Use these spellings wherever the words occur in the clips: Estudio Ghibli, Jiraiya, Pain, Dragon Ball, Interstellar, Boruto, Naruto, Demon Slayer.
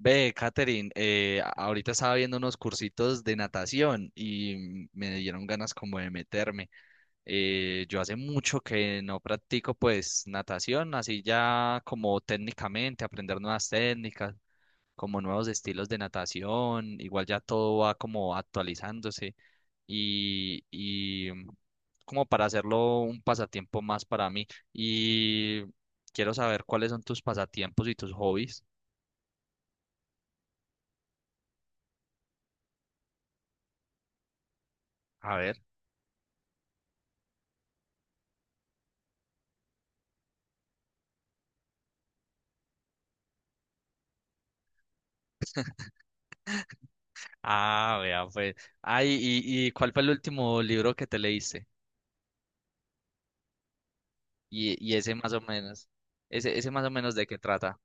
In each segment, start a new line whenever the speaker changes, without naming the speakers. Ve, Katherine, ahorita estaba viendo unos cursitos de natación y me dieron ganas como de meterme. Yo hace mucho que no practico pues natación, así ya como técnicamente, aprender nuevas técnicas, como nuevos estilos de natación, igual ya todo va como actualizándose y como para hacerlo un pasatiempo más para mí. Y quiero saber cuáles son tus pasatiempos y tus hobbies. A ver. Ah, vea, pues. Ay, y ¿cuál fue el último libro que te leíste? Y ese más o menos. Ese más o menos de qué trata.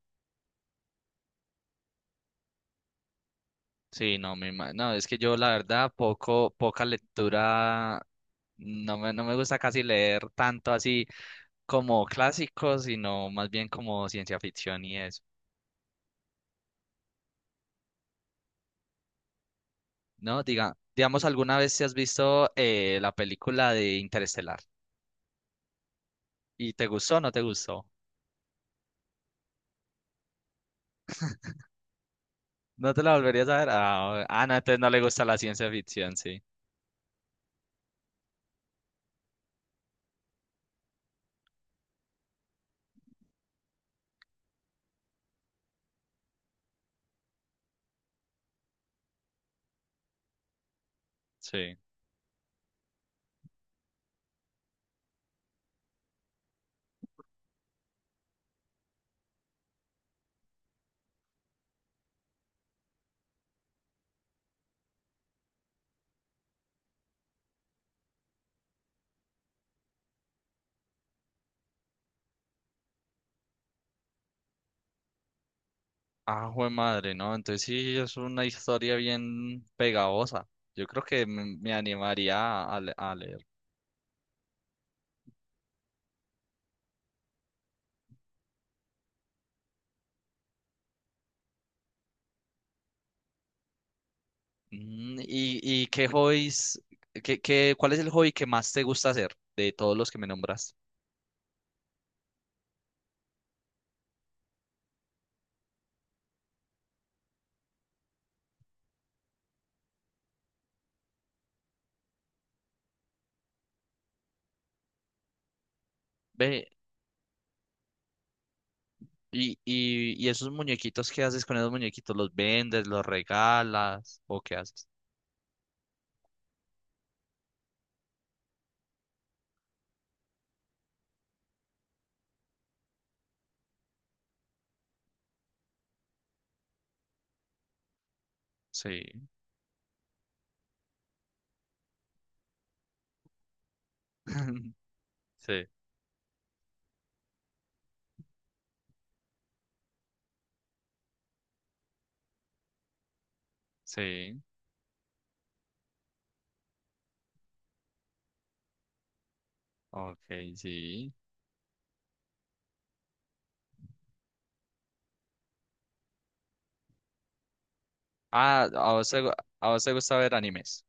Sí, no, no, es que yo la verdad poca lectura, no me gusta casi leer tanto así como clásicos, sino más bien como ciencia ficción y eso. No, digamos, ¿alguna vez te has visto la película de Interestelar? ¿Y te gustó o no te gustó? ¿No te la volverías a ver? Ah, no, entonces no le gusta la ciencia ficción, sí. Sí. Ah, jue madre, ¿no? Entonces sí es una historia bien pegajosa. Yo creo que me animaría a leer. ¿Y qué cuál es el hobby que más te gusta hacer de todos los que me nombras? Ve, y esos muñequitos, ¿qué haces con esos muñequitos? ¿Los vendes, los regalas o qué haces? Sí. Sí, sí. Ok, sí. Ah, a vos te gusta ver animes.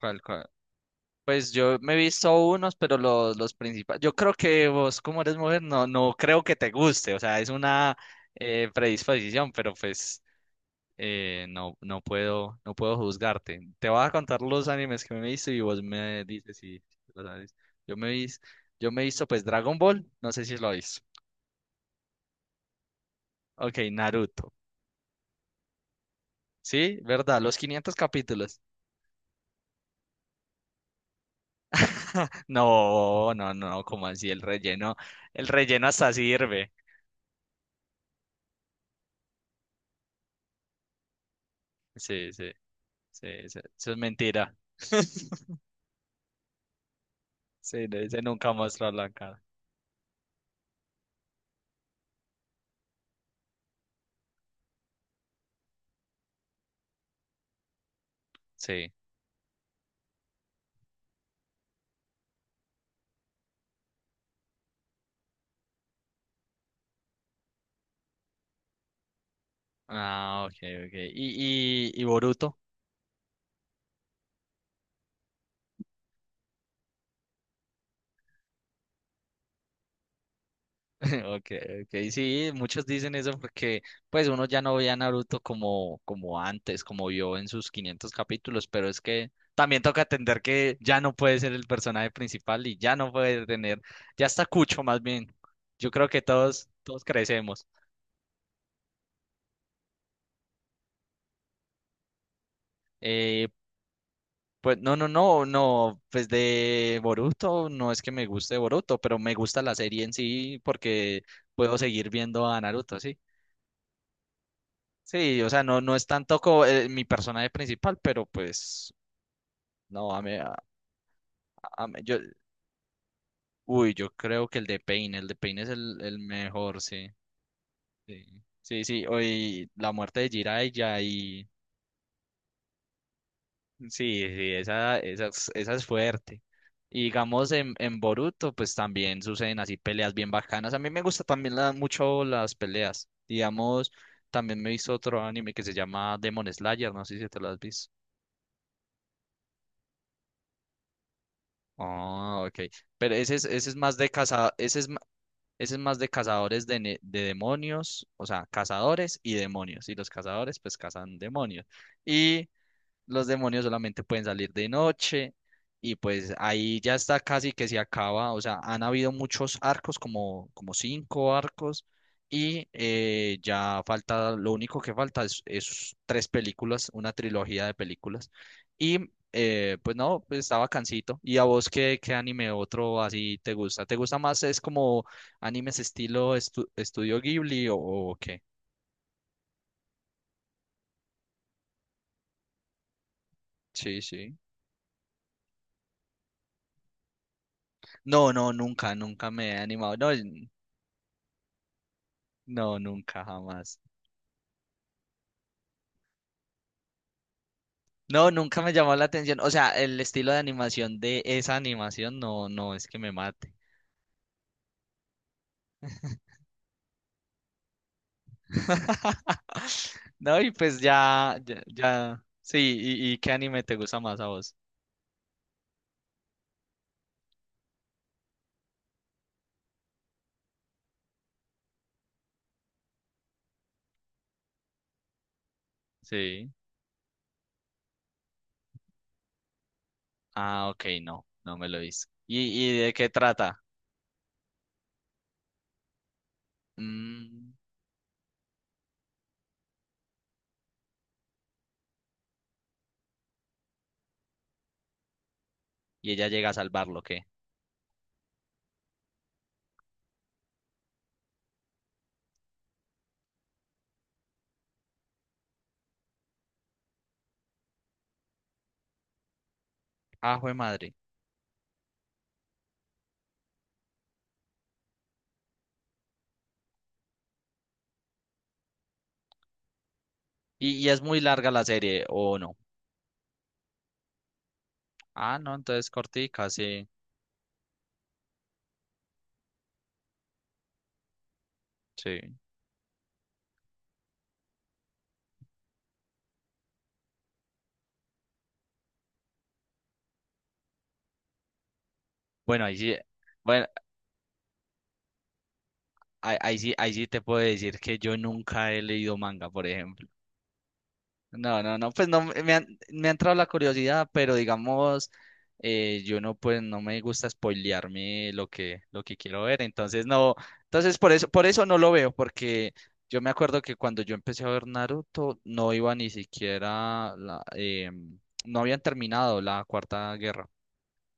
¿Cuál? Pues yo me he visto unos, pero los principales. Yo creo que vos, como eres mujer, no creo que te guste. O sea, es una predisposición, pero pues no, no puedo juzgarte. Te voy a contar los animes que me he visto y vos me dices si lo sabes. Yo me vis, yo me he visto pues Dragon Ball, no sé si lo he visto. Ok, Naruto. Sí, verdad, los 500 capítulos. No, no, no, como así el relleno hasta sirve. Sí, sí. Sí, eso es mentira. Sí, no dice nunca mostrar la cara. Sí. Ah, ok, ok. ¿Y Boruto? Ok, ok. Sí, muchos dicen eso porque pues uno ya no ve a Naruto como antes, como vio en sus 500 capítulos, pero es que también toca atender que ya no puede ser el personaje principal y ya no puede tener, ya está Cucho más bien. Yo creo que todos crecemos. Eh, Pues no, no, no, no, pues de Boruto no es que me guste Boruto, pero me gusta la serie en sí porque puedo seguir viendo a Naruto, sí. Sí, o sea, no, no es tanto como mi personaje principal, pero pues no, a mí- yo, uy, yo creo que el de Pain es el mejor, sí, sí, sí, sí, hoy la muerte de Jiraiya y. Sí, sí, esa es fuerte. Y digamos en Boruto, pues también suceden así peleas bien bacanas. A mí me gusta también mucho las peleas. Digamos, también me he visto otro anime que se llama Demon Slayer, no sé si te lo has visto. Ah, ok. Pero ese es más de caza, ese es más de cazadores de demonios, o sea, cazadores y demonios. Y los cazadores pues cazan demonios. Los demonios solamente pueden salir de noche y pues ahí ya está casi que se acaba, o sea, han habido muchos arcos, como cinco arcos, y ya falta, lo único que falta es tres películas, una trilogía de películas, y pues no, pues está bacancito. ¿Y a vos qué anime otro así te gusta? ¿Te gusta más es como animes estilo Estudio Ghibli o qué? Sí, sí. No, no, nunca, me he animado. No, no, nunca, jamás. No, nunca me llamó la atención. O sea, el estilo de animación de esa animación no es que me mate. No, y pues ya, ya, ya. Sí, ¿y qué anime te gusta más a vos? Sí. Ah, ok, no, no me lo he visto. ¿Y de qué trata? Mm, ¿Y ella llega a salvarlo, qué? Ah, jue madre. ¿Y es muy larga la serie o no? Ah, no, entonces cortica, sí, sí. Bueno, ahí sí. Bueno, ahí sí te puedo decir que yo nunca he leído manga, por ejemplo. No, no, no, pues no, me ha entrado la curiosidad, pero digamos, yo no, pues no me gusta spoilearme lo que quiero ver, entonces no, entonces por eso no lo veo, porque yo me acuerdo que cuando yo empecé a ver Naruto, no iba ni siquiera, no habían terminado la Cuarta Guerra.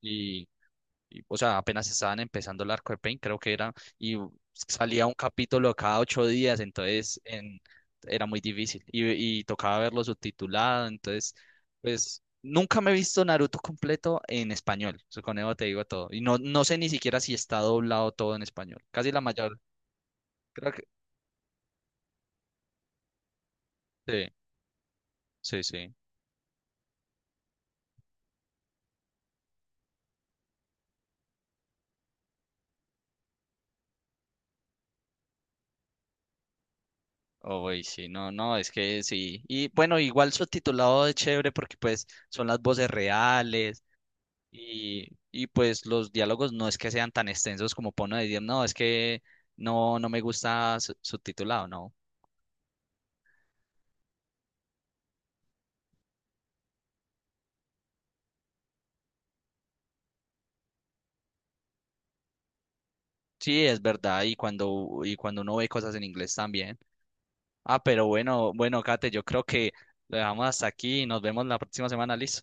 Y o sea, apenas estaban empezando el arco de Pain, creo que era, y salía un capítulo cada 8 días, entonces, era muy difícil y tocaba verlo subtitulado, entonces, pues nunca me he visto Naruto completo en español, eso con eso te digo todo, y no, no sé ni siquiera si está doblado todo en español, casi la mayor, creo que sí, sí, sí. Oh, y sí, no, no, es que sí. Y bueno, igual subtitulado es chévere porque pues son las voces reales. Y pues los diálogos no es que sean tan extensos como para uno decir, no, es que no me gusta subtitulado, no. Sí, es verdad, y cuando uno ve cosas en inglés también. Ah, pero bueno, Kate, yo creo que lo dejamos hasta aquí y nos vemos la próxima semana, ¿listo?